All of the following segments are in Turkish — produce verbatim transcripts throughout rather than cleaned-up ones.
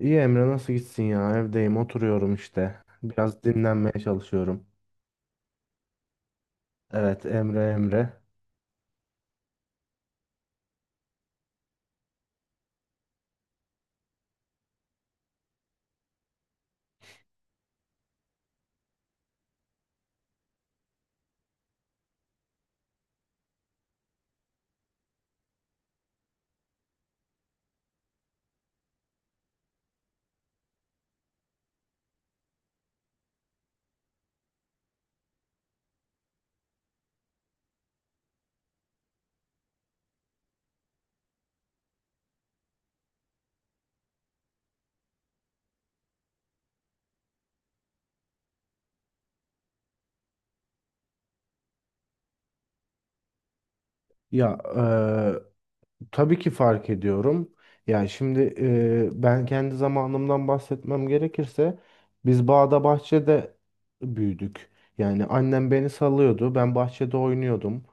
İyi Emre nasıl gitsin ya? Evdeyim, oturuyorum işte. Biraz dinlenmeye çalışıyorum. Evet Emre Emre. Ya, tabii ki fark ediyorum. Yani şimdi eee, ben kendi zamanımdan bahsetmem gerekirse biz bağda bahçede büyüdük. Yani annem beni salıyordu. Ben bahçede oynuyordum.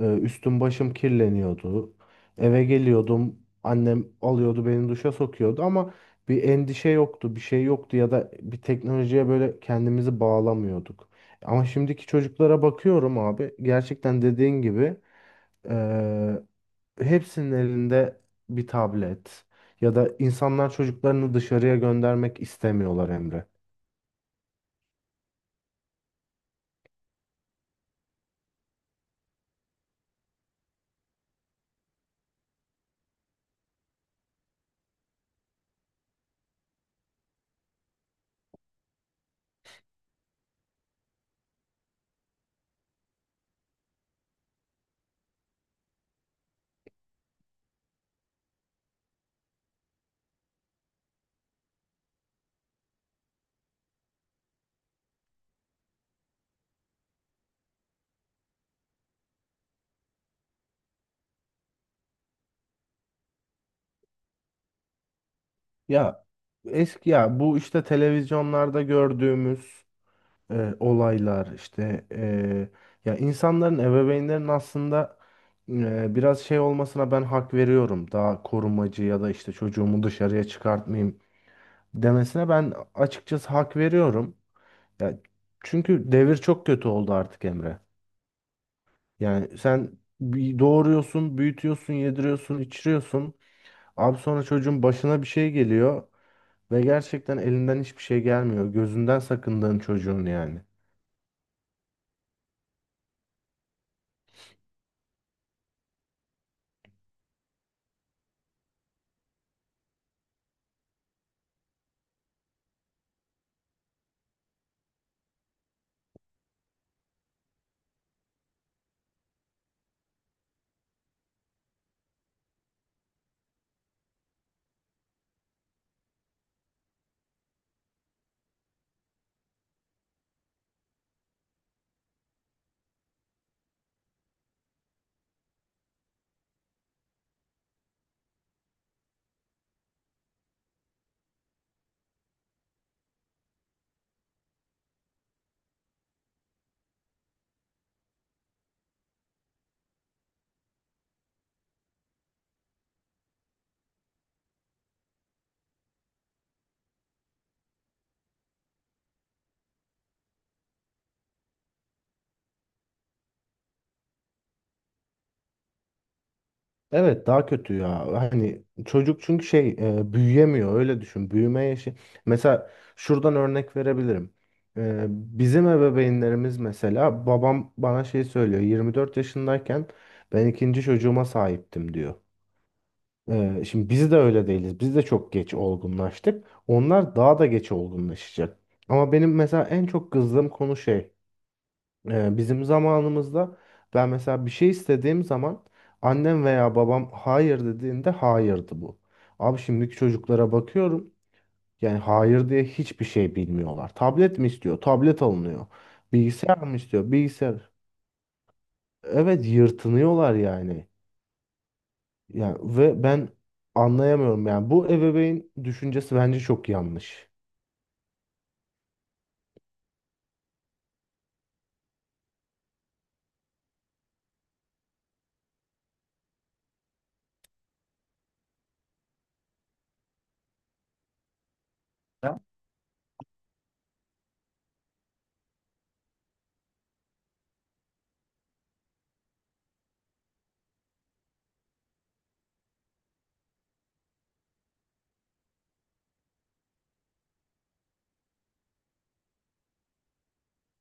Eee, üstüm başım kirleniyordu. Eve geliyordum. Annem alıyordu beni duşa sokuyordu ama bir endişe yoktu, bir şey yoktu ya da bir teknolojiye böyle kendimizi bağlamıyorduk. Ama şimdiki çocuklara bakıyorum abi. Gerçekten dediğin gibi hepsinin elinde bir tablet ya da insanlar çocuklarını dışarıya göndermek istemiyorlar Emre. Ya eski ya bu işte televizyonlarda gördüğümüz e, olaylar işte e, ya insanların ebeveynlerin aslında e, biraz şey olmasına ben hak veriyorum. Daha korumacı ya da işte çocuğumu dışarıya çıkartmayayım demesine ben açıkçası hak veriyorum. Ya çünkü devir çok kötü oldu artık Emre. Yani sen bir doğuruyorsun, büyütüyorsun, yediriyorsun, içiriyorsun. Abi sonra çocuğun başına bir şey geliyor ve gerçekten elinden hiçbir şey gelmiyor. Gözünden sakındığın çocuğun yani. Evet daha kötü ya. Hani çocuk çünkü şey e, büyüyemiyor öyle düşün. Büyüme yaşı. Mesela şuradan örnek verebilirim. E, bizim ebeveynlerimiz mesela babam bana şey söylüyor. yirmi dört yaşındayken ben ikinci çocuğuma sahiptim diyor. E, şimdi biz de öyle değiliz. Biz de çok geç olgunlaştık. Onlar daha da geç olgunlaşacak. Ama benim mesela en çok kızdığım konu şey. Ee, Bizim zamanımızda ben mesela bir şey istediğim zaman annem veya babam hayır dediğinde hayırdı bu. Abi şimdiki çocuklara bakıyorum yani hayır diye hiçbir şey bilmiyorlar. Tablet mi istiyor? Tablet alınıyor. Bilgisayar mı istiyor? Bilgisayar. Evet yırtınıyorlar yani. Yani ve ben anlayamıyorum yani bu ebeveyn düşüncesi bence çok yanlış. Ya,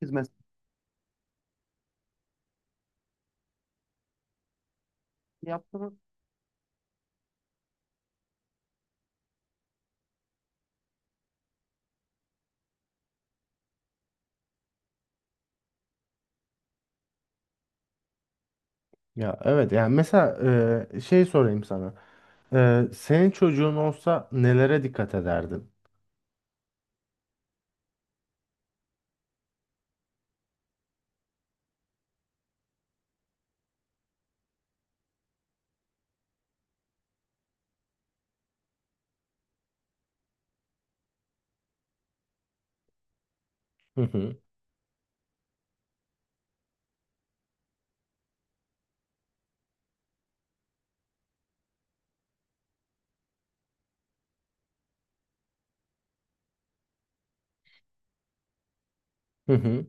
hizmet. Ya evet yani mesela e, şey sorayım sana. E, senin çocuğun olsa nelere dikkat ederdin? Hı hı. Hı hı.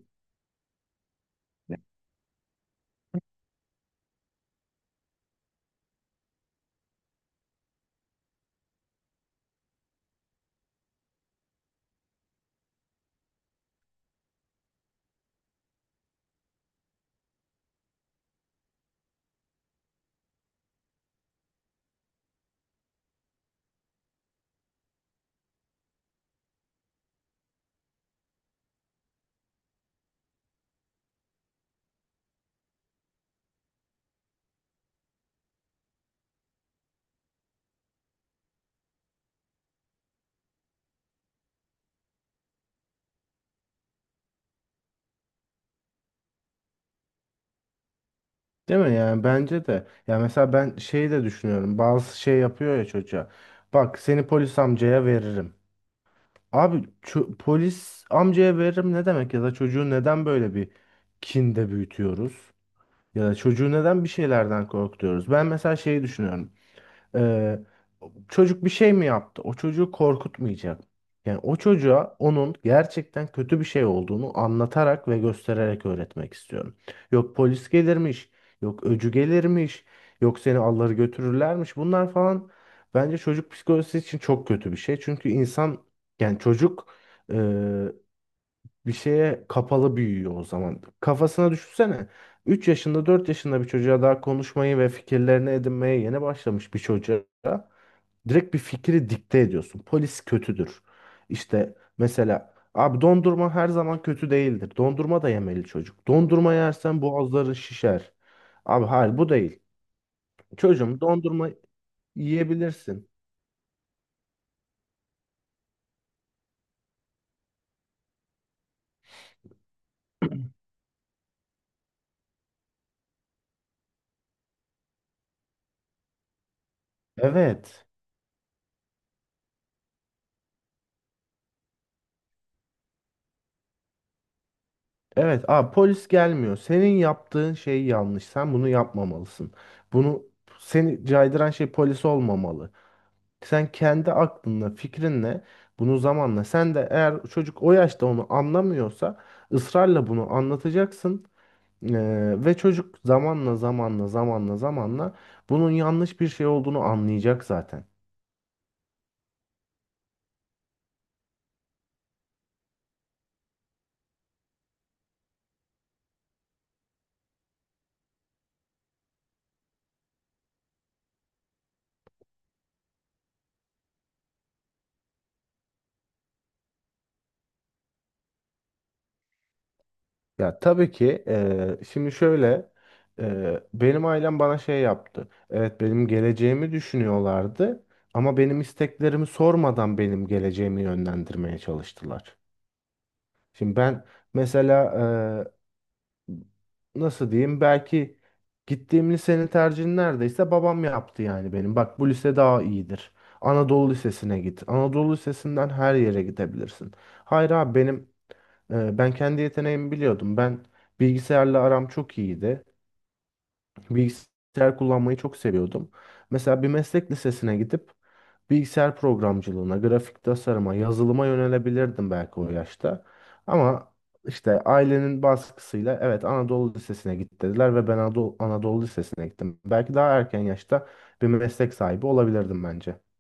Değil mi yani bence de. Ya mesela ben şeyi de düşünüyorum. Bazı şey yapıyor ya çocuğa. Bak seni polis amcaya veririm. Abi ço- polis amcaya veririm ne demek ya da çocuğu neden böyle bir kinde büyütüyoruz? Ya da çocuğu neden bir şeylerden korkutuyoruz? Ben mesela şeyi düşünüyorum. Ee, Çocuk bir şey mi yaptı? O çocuğu korkutmayacak. Yani o çocuğa onun gerçekten kötü bir şey olduğunu anlatarak ve göstererek öğretmek istiyorum. Yok polis gelirmiş, yok öcü gelirmiş, yok seni alları götürürlermiş. Bunlar falan bence çocuk psikolojisi için çok kötü bir şey. Çünkü insan yani çocuk bir şeye kapalı büyüyor o zaman. Kafasına düşünsene. Üç yaşında dört yaşında bir çocuğa daha konuşmayı ve fikirlerini edinmeye yeni başlamış bir çocuğa direkt bir fikri dikte ediyorsun. Polis kötüdür. İşte mesela abi dondurma her zaman kötü değildir. Dondurma da yemeli çocuk. Dondurma yersen boğazları şişer. Abi hayır bu değil. Çocuğum dondurma yiyebilirsin. Evet. Evet, aa, polis gelmiyor. Senin yaptığın şey yanlış. Sen bunu yapmamalısın. Bunu seni caydıran şey polis olmamalı. Sen kendi aklınla, fikrinle bunu zamanla. Sen de eğer çocuk o yaşta onu anlamıyorsa ısrarla bunu anlatacaksın. Ee, ve çocuk zamanla zamanla zamanla zamanla bunun yanlış bir şey olduğunu anlayacak zaten. Ya tabii ki eee, şimdi şöyle eee, benim ailem bana şey yaptı. Evet benim geleceğimi düşünüyorlardı ama benim isteklerimi sormadan benim geleceğimi yönlendirmeye çalıştılar. Şimdi ben mesela eee, nasıl diyeyim belki gittiğim lisenin tercihini neredeyse babam yaptı yani benim. Bak bu lise daha iyidir. Anadolu Lisesi'ne git. Anadolu Lisesi'nden her yere gidebilirsin. Hayır abi benim. ee, Ben kendi yeteneğimi biliyordum. Ben bilgisayarla aram çok iyiydi. Bilgisayar kullanmayı çok seviyordum. Mesela bir meslek lisesine gidip bilgisayar programcılığına, grafik tasarıma, yazılıma yönelebilirdim belki o yaşta. Ama işte ailenin baskısıyla evet Anadolu Lisesi'ne git dediler ve ben Anadolu, Anadolu Lisesi'ne gittim. Belki daha erken yaşta bir meslek sahibi olabilirdim bence.